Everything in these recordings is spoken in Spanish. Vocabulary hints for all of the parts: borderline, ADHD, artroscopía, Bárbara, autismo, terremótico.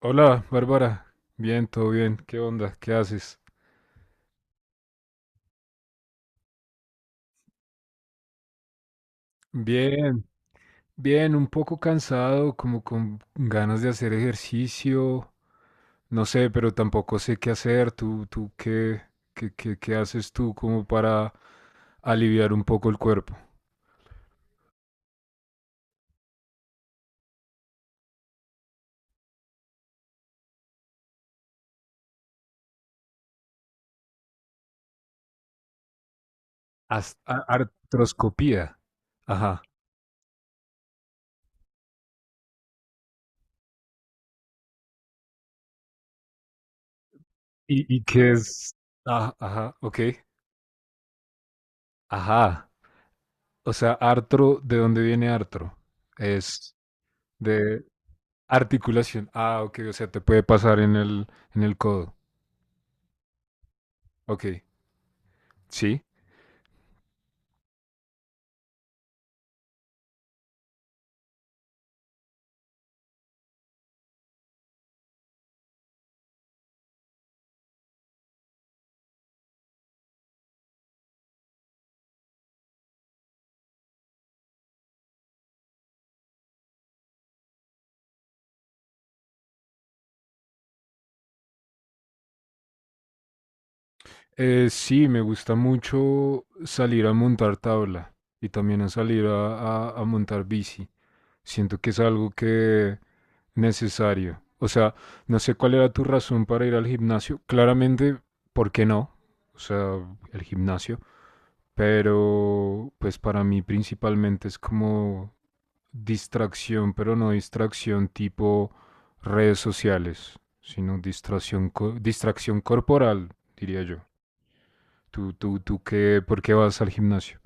Hola, Bárbara. Bien, todo bien. ¿Qué onda? ¿Qué haces? Bien, bien, un poco cansado, como con ganas de hacer ejercicio. No sé, pero tampoco sé qué hacer. ¿Tú qué haces tú como para aliviar un poco el cuerpo? Artroscopía. Ajá. ¿Y qué es? Ah, ajá, ok. Ajá. O sea, artro, ¿de dónde viene artro? Es de... Articulación. Ah, ok, o sea, te puede pasar en el codo. Ok, sí. Sí, me gusta mucho salir a montar tabla y también a salir a montar bici. Siento que es algo que necesario. O sea, no sé cuál era tu razón para ir al gimnasio. Claramente, ¿por qué no? O sea, el gimnasio. Pero, pues para mí principalmente es como distracción, pero no distracción tipo redes sociales, sino distracción corporal, diría yo. ¿Tú qué, ¿por qué vas al gimnasio?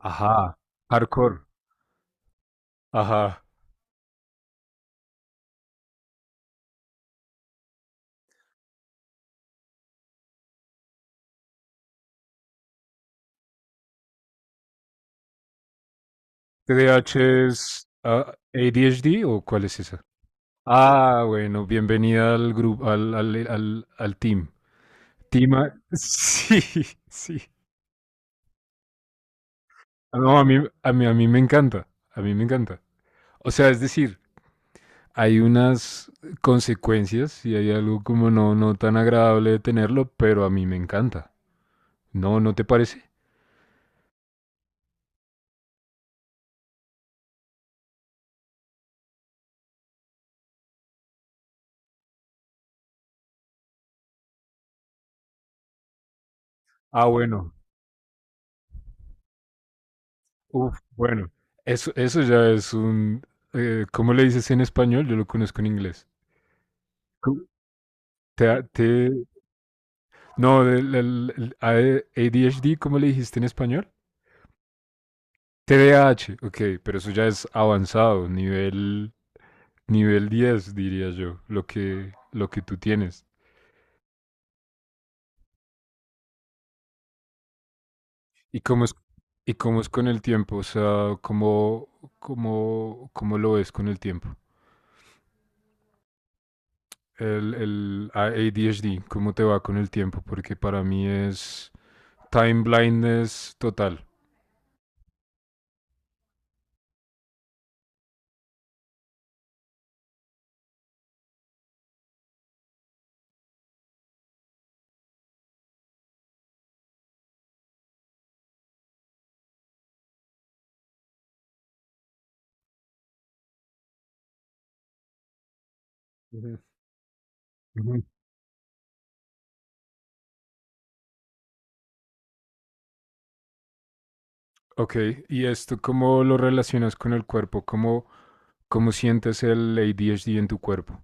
Ajá. Hardcore. Ajá. TDAH es ADHD, ¿o cuál es esa? Ah, bueno, bienvenida al grupo, al team. Sí, sí. No, a mí me encanta, a mí me encanta. O sea, es decir, hay unas consecuencias y hay algo como no, no tan agradable de tenerlo, pero a mí me encanta. ¿No, no te parece? Ah, bueno. Uf, bueno. Eso ya es un... ¿Cómo le dices en español? Yo lo conozco en inglés. ¿Cómo? Te, te- no, el ADHD, ¿cómo le dijiste en español? TDAH, ok, pero eso ya es avanzado, nivel 10 diría yo, lo que tú tienes. ¿Y cómo es, y cómo es con el tiempo? O sea, ¿cómo lo ves con el tiempo? El ADHD, ¿cómo te va con el tiempo? Porque para mí es time blindness total. Ujú. Ujú. Ok, ¿y esto cómo lo relacionas con el cuerpo? ¿Cómo sientes el ADHD en tu cuerpo?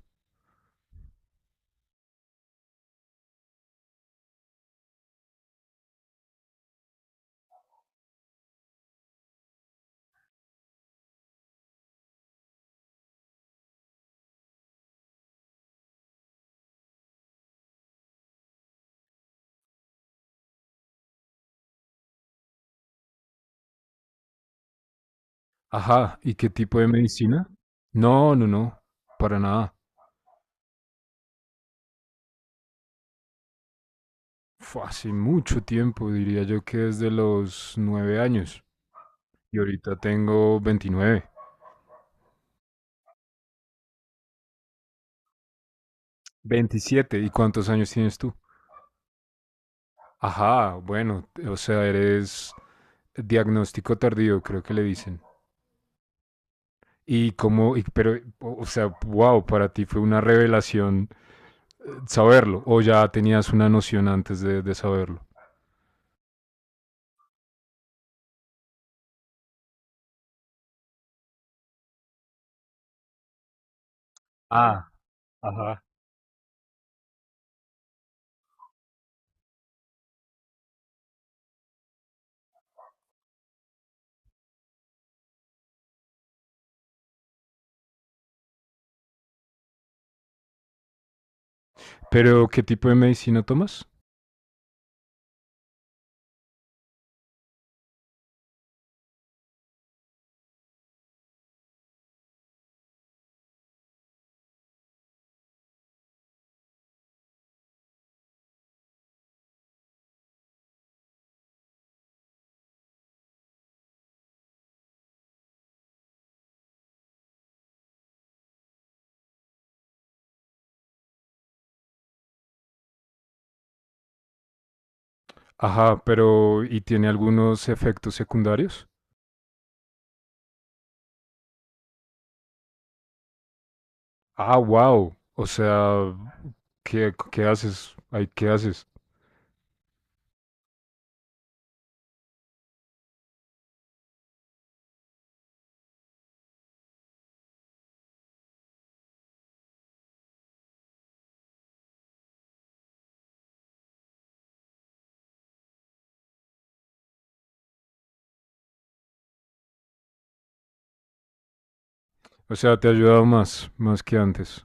Ajá, ¿y qué tipo de medicina? No, no, no, para nada. Fue hace mucho tiempo, diría yo que desde los 9 años. Y ahorita tengo 29, 27. ¿Y cuántos años tienes tú? Ajá, bueno, o sea, eres diagnóstico tardío, creo que le dicen. Pero, o sea, wow, para ti fue una revelación saberlo, o ya tenías una noción antes de saberlo. Ah, ajá. Pero, ¿qué tipo de medicina tomas? Ajá, pero, ¿y tiene algunos efectos secundarios? Ah, wow, o sea, ¿qué haces? Ay, ¿qué haces? O sea, te ha ayudado más que antes.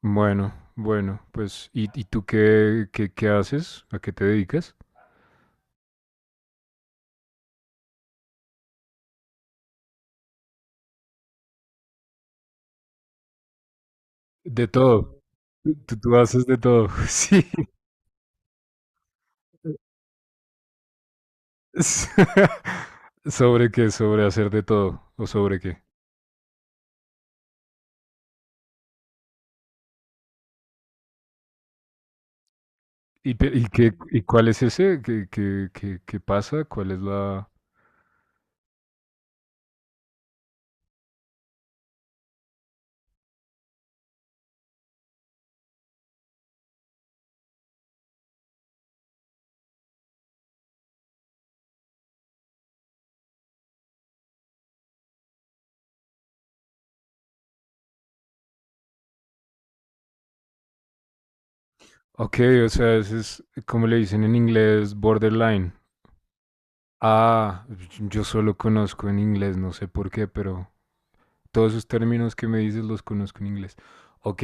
Bueno, bueno, pues, ¿y tú qué, haces? ¿A qué te dedicas? De todo. Tú haces de todo. Sí. S- ¿Sobre qué? ¿Sobre hacer de todo? ¿O sobre qué? ¿Y cuál es ese? ¿Qué pasa? ¿Cuál es la...? Ok, o sea, ese es, como le dicen en inglés, borderline. Ah, yo solo conozco en inglés, no sé por qué, pero... Todos esos términos que me dices los conozco en inglés. Ok,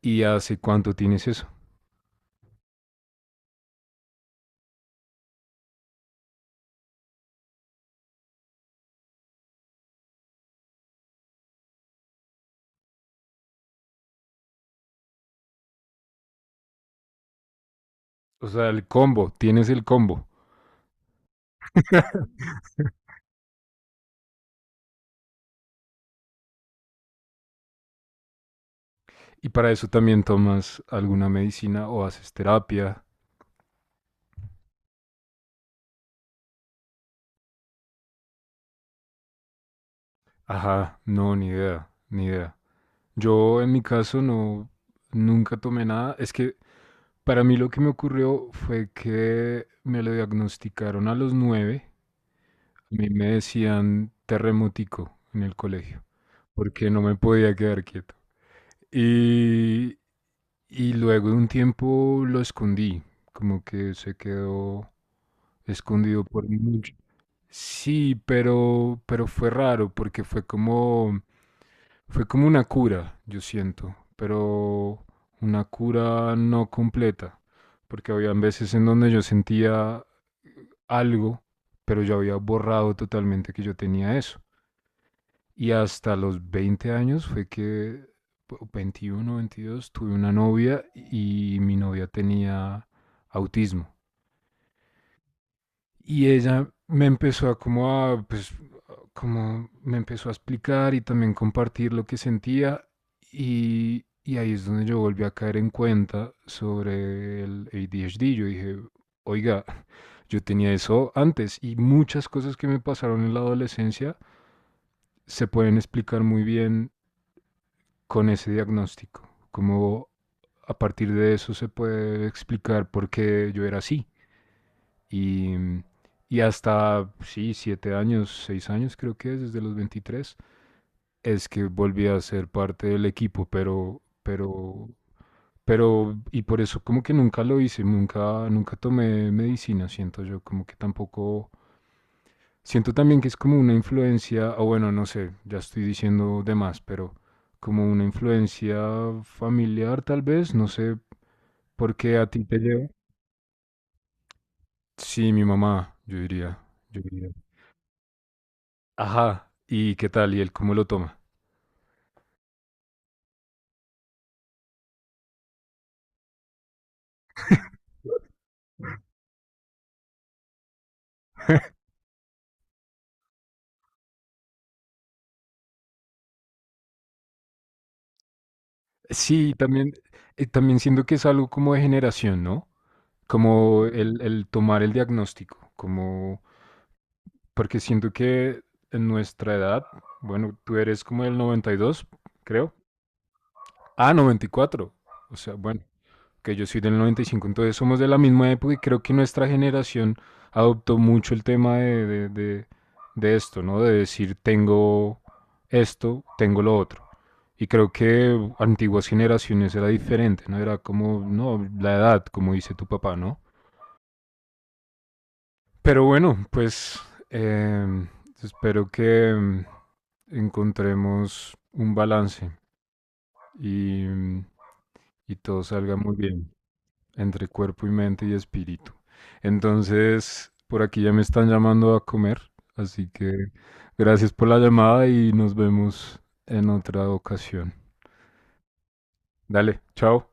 ¿y hace cuánto tienes eso? O sea, el combo, tienes el combo. Y para eso también tomas alguna medicina o haces terapia. Ajá, no, ni idea, ni idea. Yo en mi caso no, nunca tomé nada. Es que para mí lo que me ocurrió fue que me lo diagnosticaron a los 9. A mí me decían terremótico en el colegio, porque no me podía quedar quieto. Y Y luego de un tiempo lo escondí, como que se quedó escondido por mucho. Sí, pero fue raro porque fue como una cura, yo siento, pero una cura no completa, porque había veces en donde yo sentía algo, pero yo había borrado totalmente que yo tenía eso. Y hasta los 20 años fue que, o 21, 22, tuve una novia y mi novia tenía autismo. Y ella me empezó a como a, pues, como me empezó a explicar y también compartir lo que sentía y ahí es donde yo volví a caer en cuenta sobre el ADHD. Yo dije, oiga, yo tenía eso antes y muchas cosas que me pasaron en la adolescencia se pueden explicar muy bien con ese diagnóstico, como a partir de eso se puede explicar por qué yo era así. Y, y hasta, pues, sí, 7 años, 6 años creo que es, desde los 23 es que volví a ser parte del equipo, y por eso como que nunca lo hice, nunca tomé medicina, siento yo, como que tampoco, siento también que es como una influencia, o bueno, no sé, ya estoy diciendo de más, pero como una influencia familiar tal vez, no sé por qué a ti te llevo. Sí, mi mamá, yo diría, yo diría. Ajá, ¿y qué tal? ¿Y él cómo lo toma? Sí, también. También siento que es algo como de generación, ¿no? Como el tomar el diagnóstico, como, porque siento que en nuestra edad, bueno, tú eres como el 92, creo. Ah, 94. O sea, bueno. Que yo soy del 95, entonces somos de la misma época y creo que nuestra generación adoptó mucho el tema de esto, ¿no? De decir, tengo esto, tengo lo otro. Y creo que antiguas generaciones era diferente, ¿no? Era como, no, la edad, como dice tu papá, ¿no? Pero bueno, pues eh, espero que encontremos un balance y, y todo salga muy bien, entre cuerpo y mente y espíritu. Entonces, por aquí ya me están llamando a comer, así que gracias por la llamada y nos vemos en otra ocasión. Dale, chao.